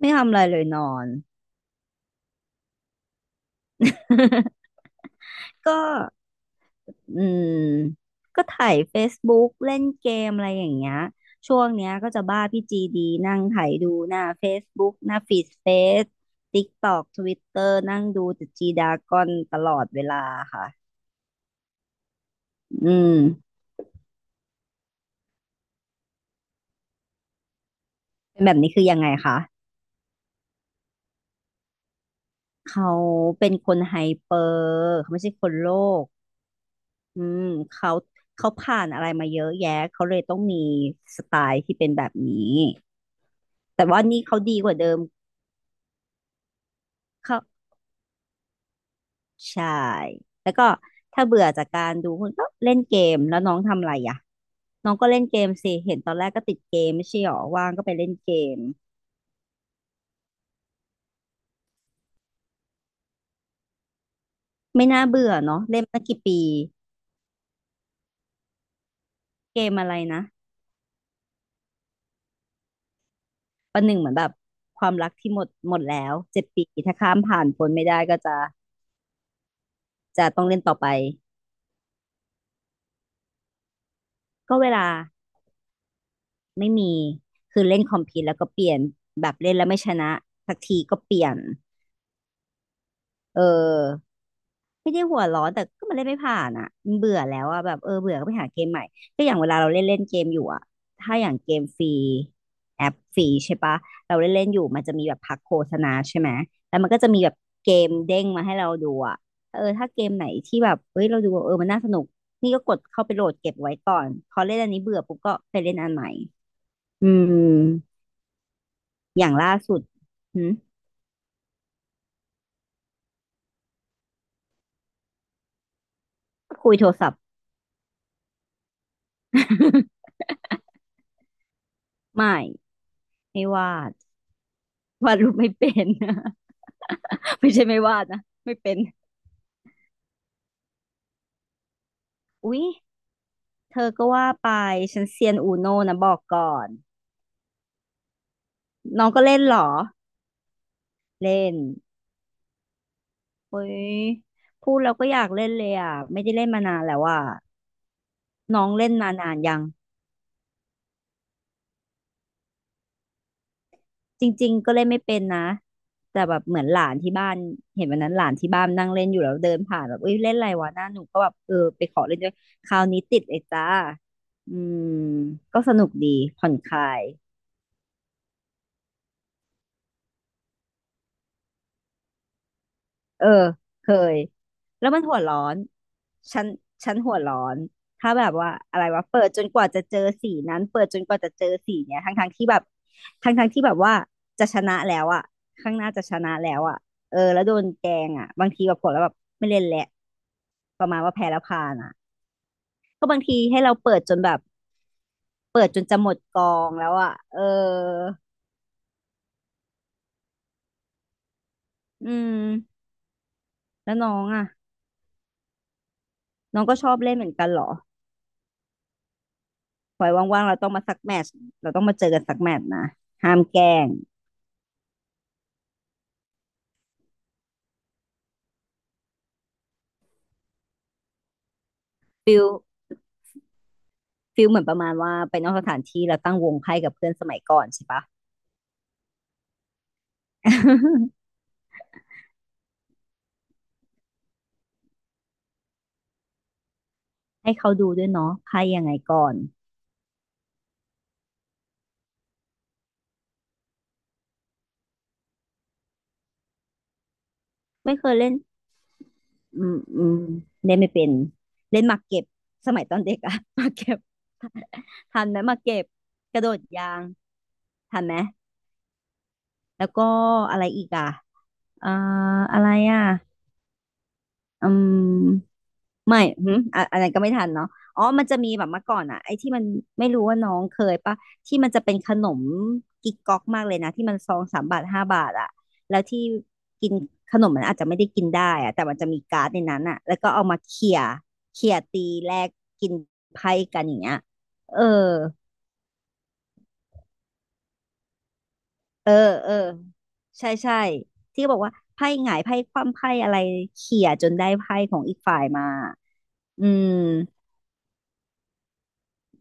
ไม่ทำอะไรเลยนอน ก็อืมก็ถ่าย Facebook เล่นเกมอะไรอย่างเงี้ยช่วงเนี้ยก็จะบ้าพี่จีดีนั่งถ่ายดูหน้า Facebook หน้าฟีดเฟซติ๊กตอกทวิตเตอร์นั่งดูแต่จีดากอนตลอดเวลาค่ะอืมเป็นแบบนี้คือยังไงคะเขาเป็นคนไฮเปอร์เขาไม่ใช่คนโลกอืมเขาเขาผ่านอะไรมาเยอะแยะเขาเลยต้องมีสไตล์ที่เป็นแบบนี้ แต่ว่านี่เขาดีกว่าเดิมเขาใช่แล้วก็ถ้าเบื่อจากการดูคุณก็เล่นเกมแล้วน้องทำอะไรอ่ะน้องก็เล่นเกมสิเห็นตอนแรกก็ติดเกมไม่ใช่หรอว่างก็ไปเล่นเกมไม่น่าเบื่อเนาะเล่นมากี่ปีเกมอะไรนะประหนึ่งเหมือนแบบความรักที่หมดหมดแล้วเจ็ดปีถ้าข้ามผ่านพ้นไม่ได้ก็จะต้องเล่นต่อไปก็เวลาไม่มีคือเล่นคอมพิวแล้วก็เปลี่ยนแบบเล่นแล้วไม่ชนะสักทีก็เปลี่ยนเออ ไม่ได้หัวร้อนแต่ก็มันเล่นไม่ผ่านอ่ะมันเบื่อแล้วอ่ะแบบเออเบื่อก็ไปหาเกมใหม่ก็อย่างเวลาเราเล่นเล่นเกมอยู่อ่ะถ้าอย่างเกมฟรีแอปฟรีใช่ปะเราเล่นเล่นอยู่มันจะมีแบบพักโฆษณาใช่ไหมแล้วมันก็จะมีแบบเกมเด้งมาให้เราดูอ่ะเออถ้าเกมไหนที่แบบเฮ้ยเราดูเออมันน่าสนุกนี่ก็กดเข้าไปโหลดเก็บไว้ก่อนพอเล่นอันนี้เบื่อปุ๊บก็ไปเล่นอันใหม่อืมอย่างล่าสุดหืมคุยโทรศัพท์ ไม่ไม่วาดวาดรูปไม่เป็น ไม่ใช่ไม่วาดนะไม่เป็นอุ๊ยเธอก็ว่าไปฉันเซียนอูโน่นะบอกก่อนน้องก็เล่นเหรอเล่นอุ๊ยพูดแล้วก็อยากเล่นเลยอ่ะไม่ได้เล่นมานานแล้วอ่ะน้องเล่นมานานยังจริงๆก็เล่นไม่เป็นนะแต่แบบเหมือนหลานที่บ้านเห็นวันนั้นหลานที่บ้านนั่งเล่นอยู่แล้วเดินผ่านแบบเอ้ยเล่นอะไรวะหน้าหนูก็แบบเออไปขอเล่นด้วยคราวนี้ติดเลยจ้าอืมก็สนุกดีผ่อนคลาย เออเคยแล้วมันหัวร้อนฉันฉันหัวร้อนถ้าแบบว่าอะไรวะเปิดจนกว่าจะเจอสีนั้นเปิดจนกว่าจะเจอสีเนี้ยทั้งที่แบบทั้งที่แบบว่าจะชนะแล้วอะข้างหน้าจะชนะแล้วอะเออแล้วโดนแกงอะบางทีแบบผลแล้วแบบไม่เล่นแหละประมาณว่าแพ้แล้วพานอะก็บางทีให้เราเปิดจนแบบเปิดจนจะหมดกองแล้วอะเอออืมแล้วน้องอะน้องก็ชอบเล่นเหมือนกันเหรอ พลอยว่างๆเราต้องมาสักแมตช์เราต้องมาเจอกันสักแมตช์นะห้ามแกล้งฟิลฟิลเหมือนประมาณว่าไปนอกสถานที่แราตั้งวงไพ่กับเพื่อนสมัยก่อนใช่ปะ ให้เขาดูด้วยเนาะไพ่ยังไงก่อนไม่เคยเล่นอืมอืมเล่นไม่เป็นเล่นหมากเก็บสมัยตอนเด็กอะ หมากเก็บ ทันไหมหมากเก็บกระโดดยางทันไหมแล้วก็อะไรอีกอะอ่าอะไรอะอืม ไม่หืมอะอะไรก็ไม่ทันเนาะอ๋อมันจะมีแบบเมื่อก่อนอะไอ้ที่มันไม่รู้ว่าน้องเคยปะที่มันจะเป็นขนมกิ๊กก๊อกมากเลยนะ ที่มันซองสามบาทห้าบาทอะแล้วที่กินขนมมันอาจจะไม่ได้กินได้อะแต่มันจะมีการ์ดในนั้นอะแล้วก็เอามาเขี่ยเขี่ยตีแลกกินไพ่กันอย่างเงี้ยเออ เออ เออใช่ใช่ที่บอกว่าไพ่หงายไพ่คว่ำไพ่อะไรเขี่ยจนได้ไพ่ของอีกฝ่ายมาอืม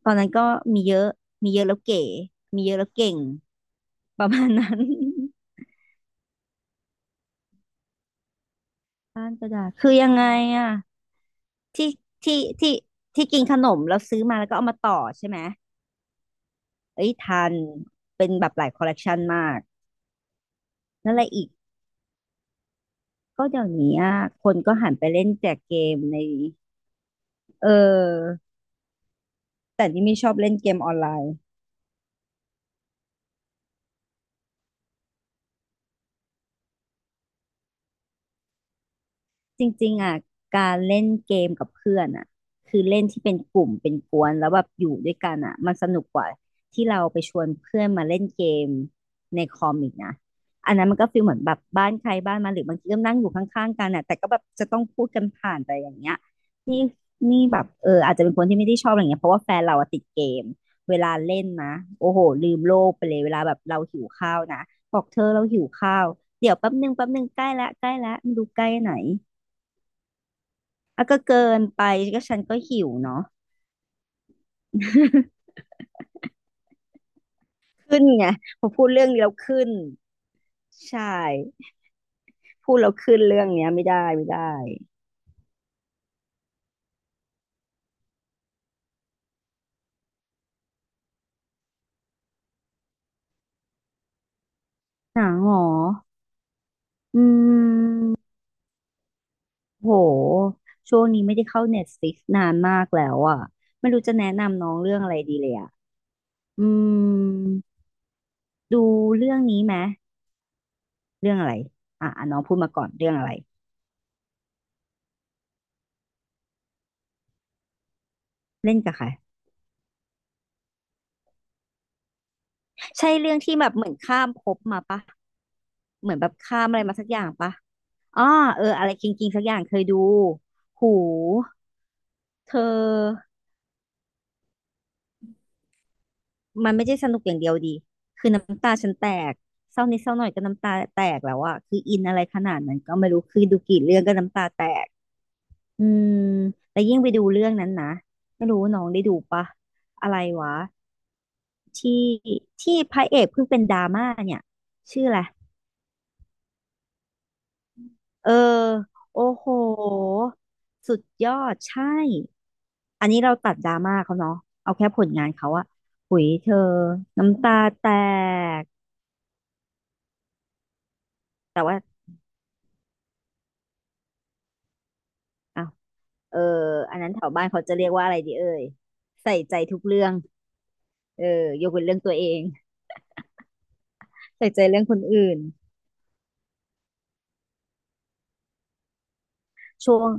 ตอนนั้นก็มีเยอะ มีเยอะแล้วเก๋มีเยอะแล้วเก่งประมาณนั้น บ้านกระดาษคือยังไงอะที่ที่ที่กินขนมแล้วซื้อมาแล้วก็เอามาต่อใช่ไหมเอ้ยทันเป็นแบบหลายคอลเลกชันมาก นั่นแหละอีกก็เดี๋ยวนี้อะคนก็หันไปเล่นแจกเกมในเออแต่นี่ไม่ชอบเล่นเกมออนไลน์ จริงๆอ่ะการเล่นเกมกับเพื่อนอ่ะคือเล่นที่เป็นกลุ่มเป็นกวนแล้วแบบอยู่ด้วยกันอ่ะมันสนุกกว่าที่เราไปชวนเพื่อนมาเล่นเกมในคอมอีกนะอันนั้นมันก็ฟีลเหมือนแบบบ้านใครบ้านมันหรือบางทีก็นั่งอยู่ข้างๆกันอ่ะแต่ก็แบบจะต้องพูดกันผ่านไปอย่างเงี้ยนี่นี่แบบเอออาจจะเป็นคนที่ไม่ได้ชอบอะไรเงี้ยเพราะว่าแฟนเราอะติดเกม เวลาเล่นนะโอ้โหลืมโลกไปเลยเวลาแบบเราหิวข้าวนะบอกเธอเราหิวข้าวเดี๋ยวแป๊บนึงแป๊บนึงใกล้ละใกล้ละไม่รู้ใกล้ไหน อ่ะก็เกินไปก็ฉันก็หิวเนาะ ขึ้นไงพอพูดเรื่องนี้แล้วขึ้นใช่พูดแล้วขึ้นเรื่องเนี้ยไม่ได้หนังเหรออืมโหช่วงนี้ไม่ได้เข้า Netflixนานมากแล้วอ่ะไม่รู้จะแนะนำน้องเรื่องอะไรดีเลยอ่ะอืมดูเรื่องนี้ไหมเรื่องอะไรอ่ะอ่ะน้องพูดมาก่อนเรื่องอะไรเล่นกับใครใช่เรื่องที่แบบเหมือนข้ามภพมาปะเหมือนแบบข้ามอะไรมาสักอย่างปะ อ้ออะไรกิงกิงสักอย่างเคยดูหูเธอมันไม่ใช่สนุกอย่างเดียวดีคือน้ำตาฉันแตกเศร้านิดเศร้าหน่อยก็น้ำตาแตกแล้วอะคืออินอะไรขนาดนั้นก็ไม่รู้คือดูกี่เรื่องก็น้ำตาแตกอืมแล้วยิ่งไปดูเรื่องนั้นนะไม่รู้น้องได้ดูปะอะไรวะที่ที่พระเอกเพิ่งเป็นดราม่าเนี่ยชื่ออะไร เออโอ้โหสุดยอดใช่อันนี้เราตัดดราม่าเขาเนาะเอาแค่ผลงานเขาอะหุยเธอน้ำตาแตกแต่ว่าอ้าวเอออันนั้นแถวบ้านเขาจะเรียกว่าอะไรดีเอ่ยใส่ใจทุกเรื่องเออยกเว้นเรื่องตัวเองใส่ใจเรื่องคนอื่นช่วง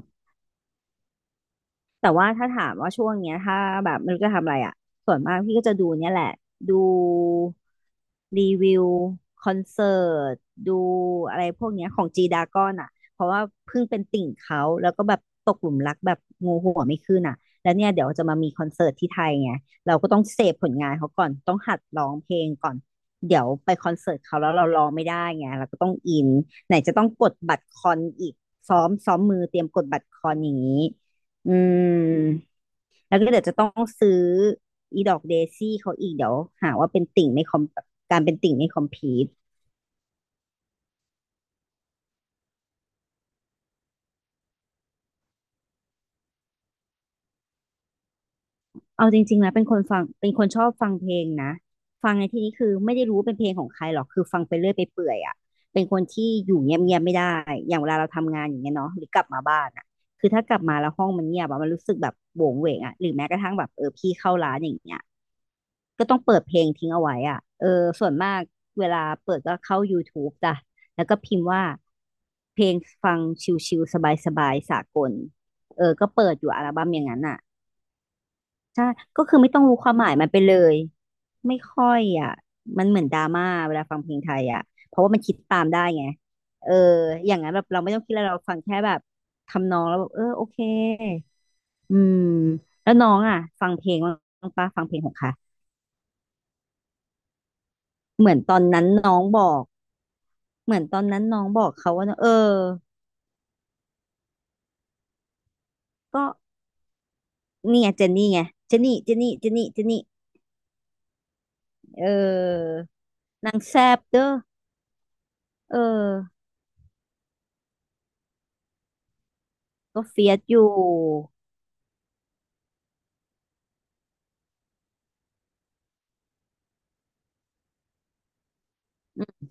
แต่ว่าถ้าถามว่าช่วงเนี้ยถ้าแบบไม่รู้จะทำอะไรอ่ะส่วนมากพี่ก็จะดูเนี่ยแหละ ดูรีวิวคอนเสิร์ตดูอะไรพวกเนี้ยของจีดากอนอ่ะเพราะว่าเพิ่งเป็นติ่งเขาแล้วก็แบบตกหลุมรักแบบงูหัวไม่ขึ้นอ่ะแล้วเนี่ยเดี๋ยวจะมามีคอนเสิร์ตที่ไทยไงเราก็ต้องเสพผลงานเขาก่อนต้องหัดร้องเพลงก่อนเดี๋ยวไปคอนเสิร์ตเขาแล้วเราร้องไม่ได้ไงเราก็ต้องอินไหนจะต้องกดบัตรคอนอีกซ้อมมือเตรียมกดบัตรคอนอย่างนี้ อืมแล้วก็เดี๋ยวจะต้องซื้ออีดอกเดซี่เขาอีกเดี๋ยวหาว่าเป็นติ่งไม่คอมแบบการเป็นติ่งไม่คอมพีทเอาจริงๆนะเป็นคนฟังเป็นคนชอบฟังเพลงนะฟังในที่นี้คือไม่ได้รู้ว่าเป็นเพลงของใครหรอกคือฟังไปเรื่อยไปเปื่อยอ่ะเป็นคนที่อยู่เงียบๆไม่ได้อย่างเวลาเราทำงานอย่างเงี้ยเนาะหรือกลับมาบ้านอ่ะคือถ้ากลับมาแล้วห้องมันเงียบอะมันรู้สึกแบบโหวงเหวงอ่ะหรือแม้กระทั่งแบบเออพี่เข้าร้านอย่างเงี้ย ก็ต้องเปิดเพลงทิ้งเอาไว้อ่ะเออส่วนมากเวลาเปิดก็เข้า YouTube จ้ะแล้วก็พิมพ์ว่าเพลงฟังชิลๆสบายๆสากลเออก็เปิดอยู่อัลบั้มอย่างนั้นอ่ะใช่ก็คือไม่ต้องรู้ความหมายมันไปเลยไม่ค่อยอ่ะมันเหมือนดราม่าเวลาฟังเพลงไทยอ่ะเพราะว่ามันคิดตามได้ไงเอออย่างนั้นแบบเราไม่ต้องคิดอะไรเราฟังแค่แบบทำนองแล้วแบบเออโอเคอืมแล้วน้องอ่ะฟังเพลงบ้างปะฟังเพลงของค่ะเหมือนตอนนั้นน้องบอก เหมือนตอนนั้นน้องบอกเขาว่าเออก็นี่ไงเจนนี่ไงเจนนี่เออนางแซบเด้อเออก็เฟียสอยู่อืม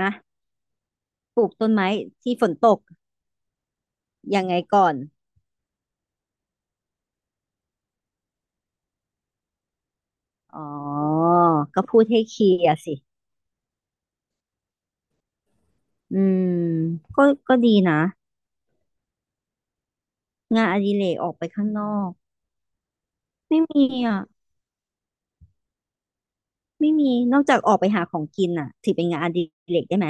อะปลูกต้นไม้ที่ฝนตกยังไงก่อน อ๋อ ก็พูดให้เคลียร์สิ อืมก็ก็ดีนะงานอดิเรกออกไปข้างนอกไม่มีอ่ะไม่มีนอกจากออกไปหาของกินอ่ะถือเป็นงานอดิเรกได้ไหม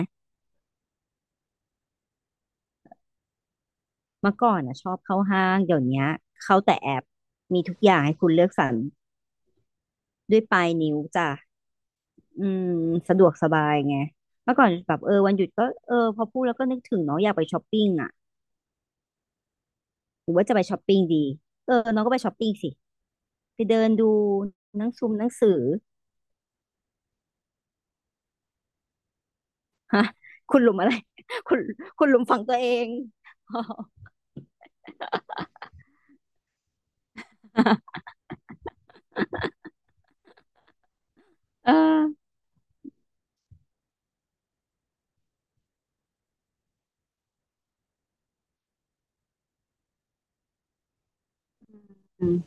เมื่อก่อนอ่ะชอบเข้าห้างเดี๋ยวเนี้ยเข้าแต่แอปมีทุกอย่างให้คุณเลือกสรรด้วยปลายนิ้วจ้ะอืมสะดวกสบายไงเมื่อก่อนแบบเออวันหยุดก็เออพอพูดแล้วก็นึกถึงเนาะอยากไปช้อปปิ้งอ่ะหรือว่าจะไปช้อปปิ้งดีเออน้องก็ไปช้อปปิ้งสิไปเดินดูหนังซุมหนังสือคุณหลุมอะไร คุณคุณหลุมฝังตัวเอง เออ อืม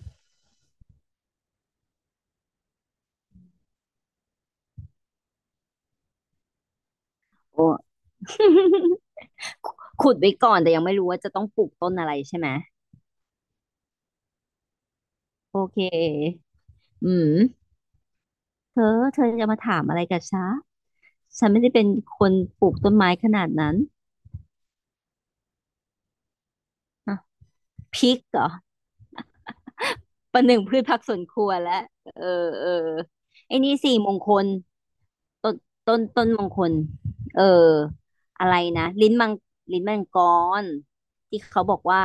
โอ้ ขุดไว้ก่อนแต่ยังไม่รู้ว่าจะต้องปลูกต้นอะไรใช่ไหมโอเคอืม เธอจะมาถามอะไรกับฉันฉันไม่ได้เป็นคนปลูกต้นไม้ขนาดนั้นอ่ะพริกเหรอประหนึ่งพืชผักสวนครัวแล้วเออเออไอ้นี่สี่มงคลต้นต้นมงคลเอออะไรนะ ลิ้นมังลิ้นมังกรที่เขาบอกว่า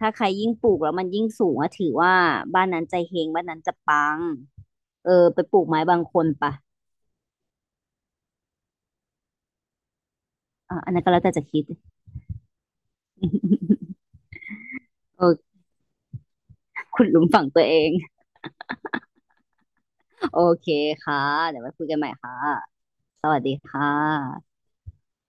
ถ้าใครยิ่งปลูกแล้วมันยิ่งสูงอะถือว่าบ้านนั้นใจเฮงบ้านนั้นจะปัง เออไปปลูกไม้บางคนปะอ่ะอันนั้นก็แล้วแต่จะคิด เออขุดหลุมฝังตัวเอง โอเคค่ะเดี๋ยวไว้คุยกันใหม่ค่ะ สวัสดีค่ะ